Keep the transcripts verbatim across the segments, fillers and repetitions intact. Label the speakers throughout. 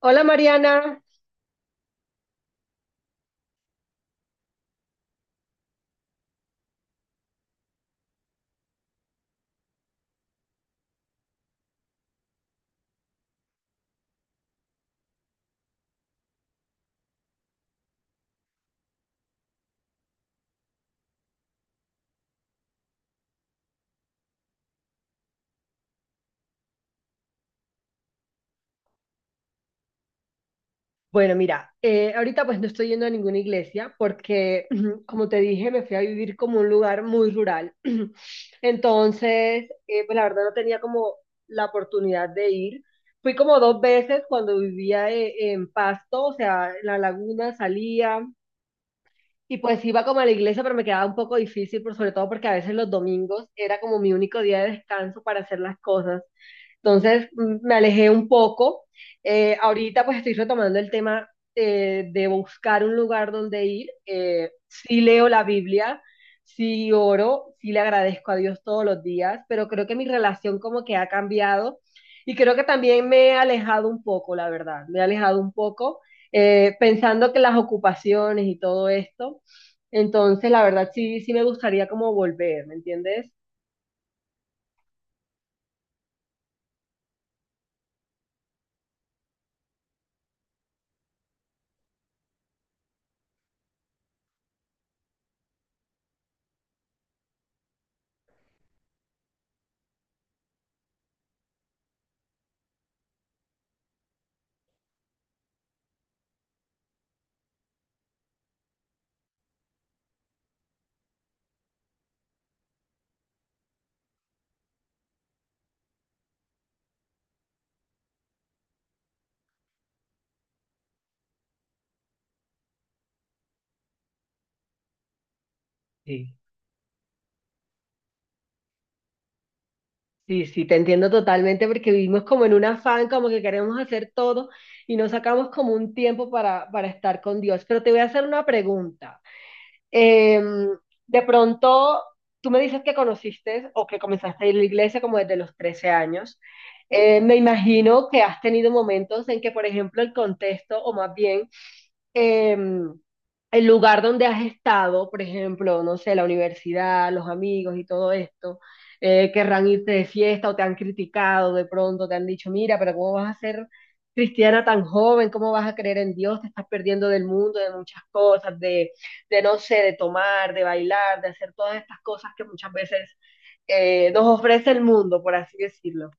Speaker 1: Hola Mariana. Bueno, mira, eh, ahorita pues no estoy yendo a ninguna iglesia porque, como te dije, me fui a vivir como un lugar muy rural. Entonces, eh, pues la verdad no tenía como la oportunidad de ir. Fui como dos veces cuando vivía eh, en Pasto, o sea, en la laguna salía. Y pues iba como a la iglesia, pero me quedaba un poco difícil, por sobre todo porque a veces los domingos era como mi único día de descanso para hacer las cosas. Entonces mm, me alejé un poco. Eh, ahorita pues estoy retomando el tema eh, de buscar un lugar donde ir. Eh, sí leo la Biblia, sí oro, sí le agradezco a Dios todos los días, pero creo que mi relación como que ha cambiado y creo que también me he alejado un poco, la verdad, me he alejado un poco eh, pensando que las ocupaciones y todo esto entonces, la verdad, sí, sí me gustaría como volver, ¿me entiendes? Sí, sí, sí, te entiendo totalmente porque vivimos como en un afán, como que queremos hacer todo y no sacamos como un tiempo para, para estar con Dios. Pero te voy a hacer una pregunta. Eh, de pronto, tú me dices que conociste o que comenzaste a ir a la iglesia como desde los trece años. Eh, me imagino que has tenido momentos en que, por ejemplo, el contexto, o más bien em, el lugar donde has estado, por ejemplo, no sé, la universidad, los amigos y todo esto, eh, querrán irte de fiesta o te han criticado de pronto, te han dicho, mira, pero ¿cómo vas a ser cristiana tan joven? ¿Cómo vas a creer en Dios? Te estás perdiendo del mundo, de muchas cosas, de, de no sé, de tomar, de bailar, de hacer todas estas cosas que muchas veces eh, nos ofrece el mundo, por así decirlo.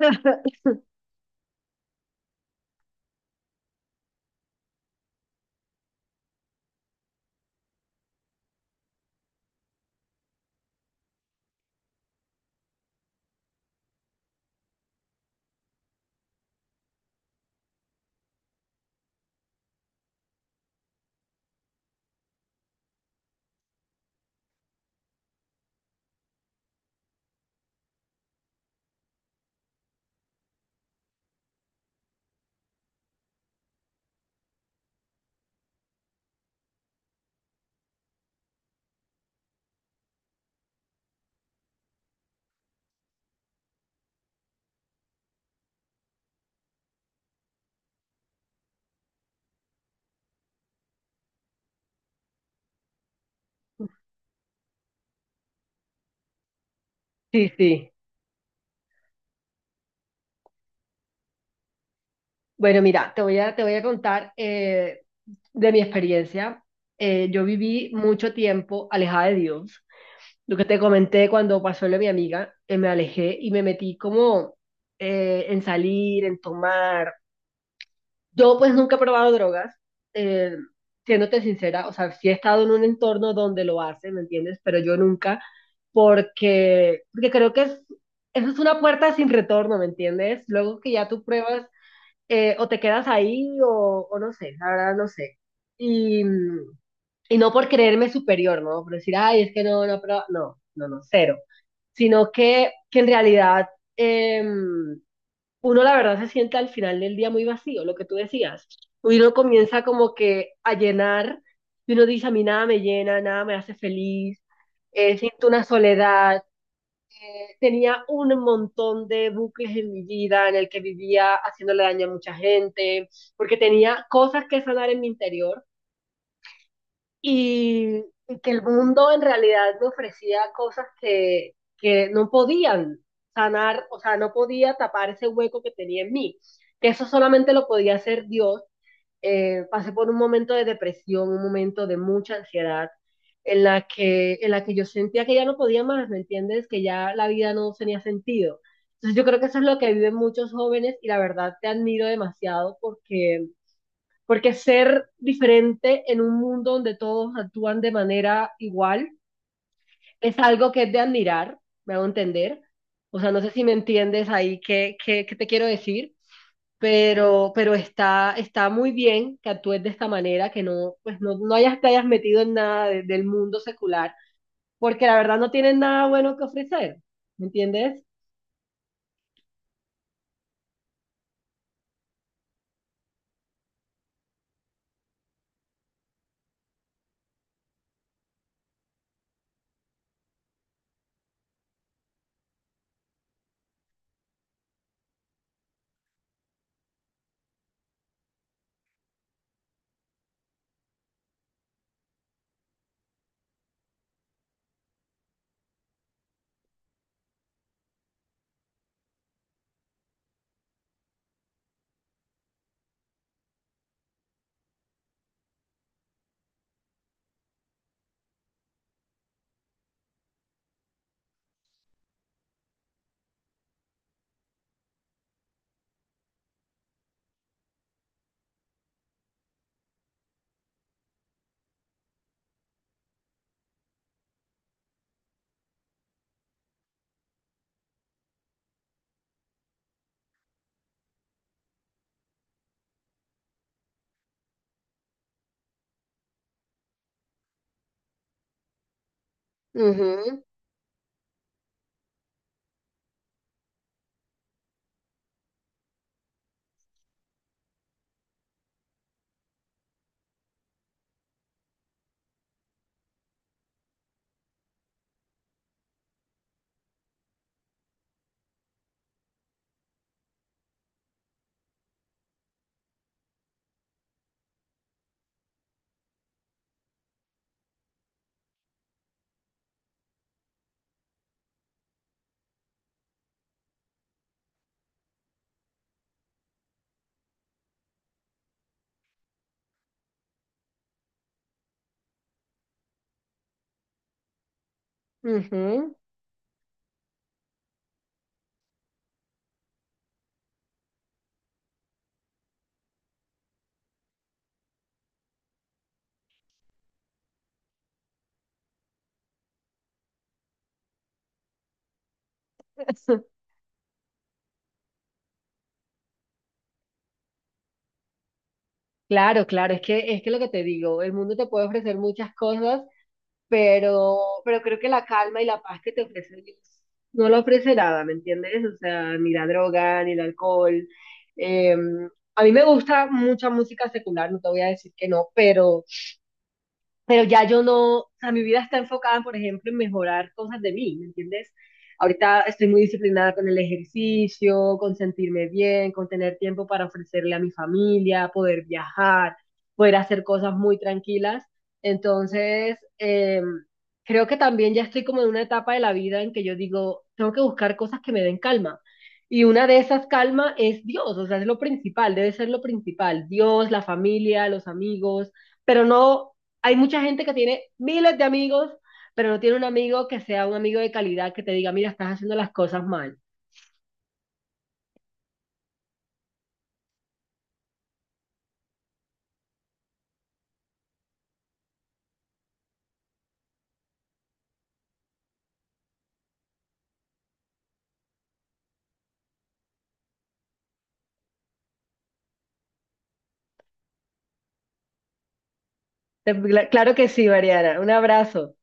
Speaker 1: Sí, sí. Bueno, mira, te voy a, te voy a contar eh, de mi experiencia. Eh, yo viví mucho tiempo alejada de Dios. Lo que te comenté cuando pasó lo de mi amiga, eh, me alejé y me metí como eh, en salir, en tomar. Yo pues nunca he probado drogas, eh, siéndote sincera, o sea, sí he estado en un entorno donde lo hacen, ¿me entiendes? Pero yo nunca, porque, porque creo que es, eso es una puerta sin retorno, ¿me entiendes? Luego que ya tú pruebas eh, o te quedas ahí o, o no sé, la verdad no sé. Y, mm, y no por creerme superior, ¿no? Por decir, ay, es que no, no, pero no, no, no, cero. Sino que, que en realidad em, uno la verdad se siente al final del día muy vacío, lo que tú decías. Uno comienza como que a llenar y uno dice, a mí nada me llena, nada me hace feliz, eh, siento una soledad. Tenía un montón de bucles en mi vida en el que vivía haciéndole daño a mucha gente, porque tenía cosas que sanar en mi interior y, y que el mundo en realidad me ofrecía cosas que, que no podían sanar, o sea, no podía tapar ese hueco que tenía en mí, que eso solamente lo podía hacer Dios. eh, pasé por un momento de depresión, un momento de mucha ansiedad, en la que, en la que yo sentía que ya no podía más, ¿me entiendes? Que ya la vida no tenía sentido. Entonces yo creo que eso es lo que viven muchos jóvenes y la verdad te admiro demasiado porque, porque ser diferente en un mundo donde todos actúan de manera igual es algo que es de admirar, me hago entender. O sea, no sé si me entiendes ahí qué, qué, qué te quiero decir, pero, pero está, está muy bien que actúes de esta manera, que no, pues no, no hayas, te hayas metido en nada de- del mundo secular, porque la verdad no tienen nada bueno que ofrecer, ¿me entiendes? Ujú, ujú. Claro, claro, es que, es que lo que te digo, el mundo te puede ofrecer muchas cosas, pero, pero creo que la calma y la paz que te ofrece Dios no lo ofrece nada, ¿me entiendes? O sea, ni la droga, ni el alcohol. Eh, a mí me gusta mucha música secular, no te voy a decir que no, pero pero ya yo no, o sea, mi vida está enfocada, por ejemplo, en mejorar cosas de mí, ¿me entiendes? Ahorita estoy muy disciplinada con el ejercicio, con sentirme bien, con tener tiempo para ofrecerle a mi familia, poder viajar, poder hacer cosas muy tranquilas. Entonces, eh, creo que también ya estoy como en una etapa de la vida en que yo digo, tengo que buscar cosas que me den calma. Y una de esas calma es Dios, o sea, es lo principal, debe ser lo principal. Dios, la familia, los amigos, pero no hay mucha gente que tiene miles de amigos, pero no tiene un amigo que sea un amigo de calidad que te diga, mira, estás haciendo las cosas mal. Te- cla- Claro que sí, Mariana. Un abrazo.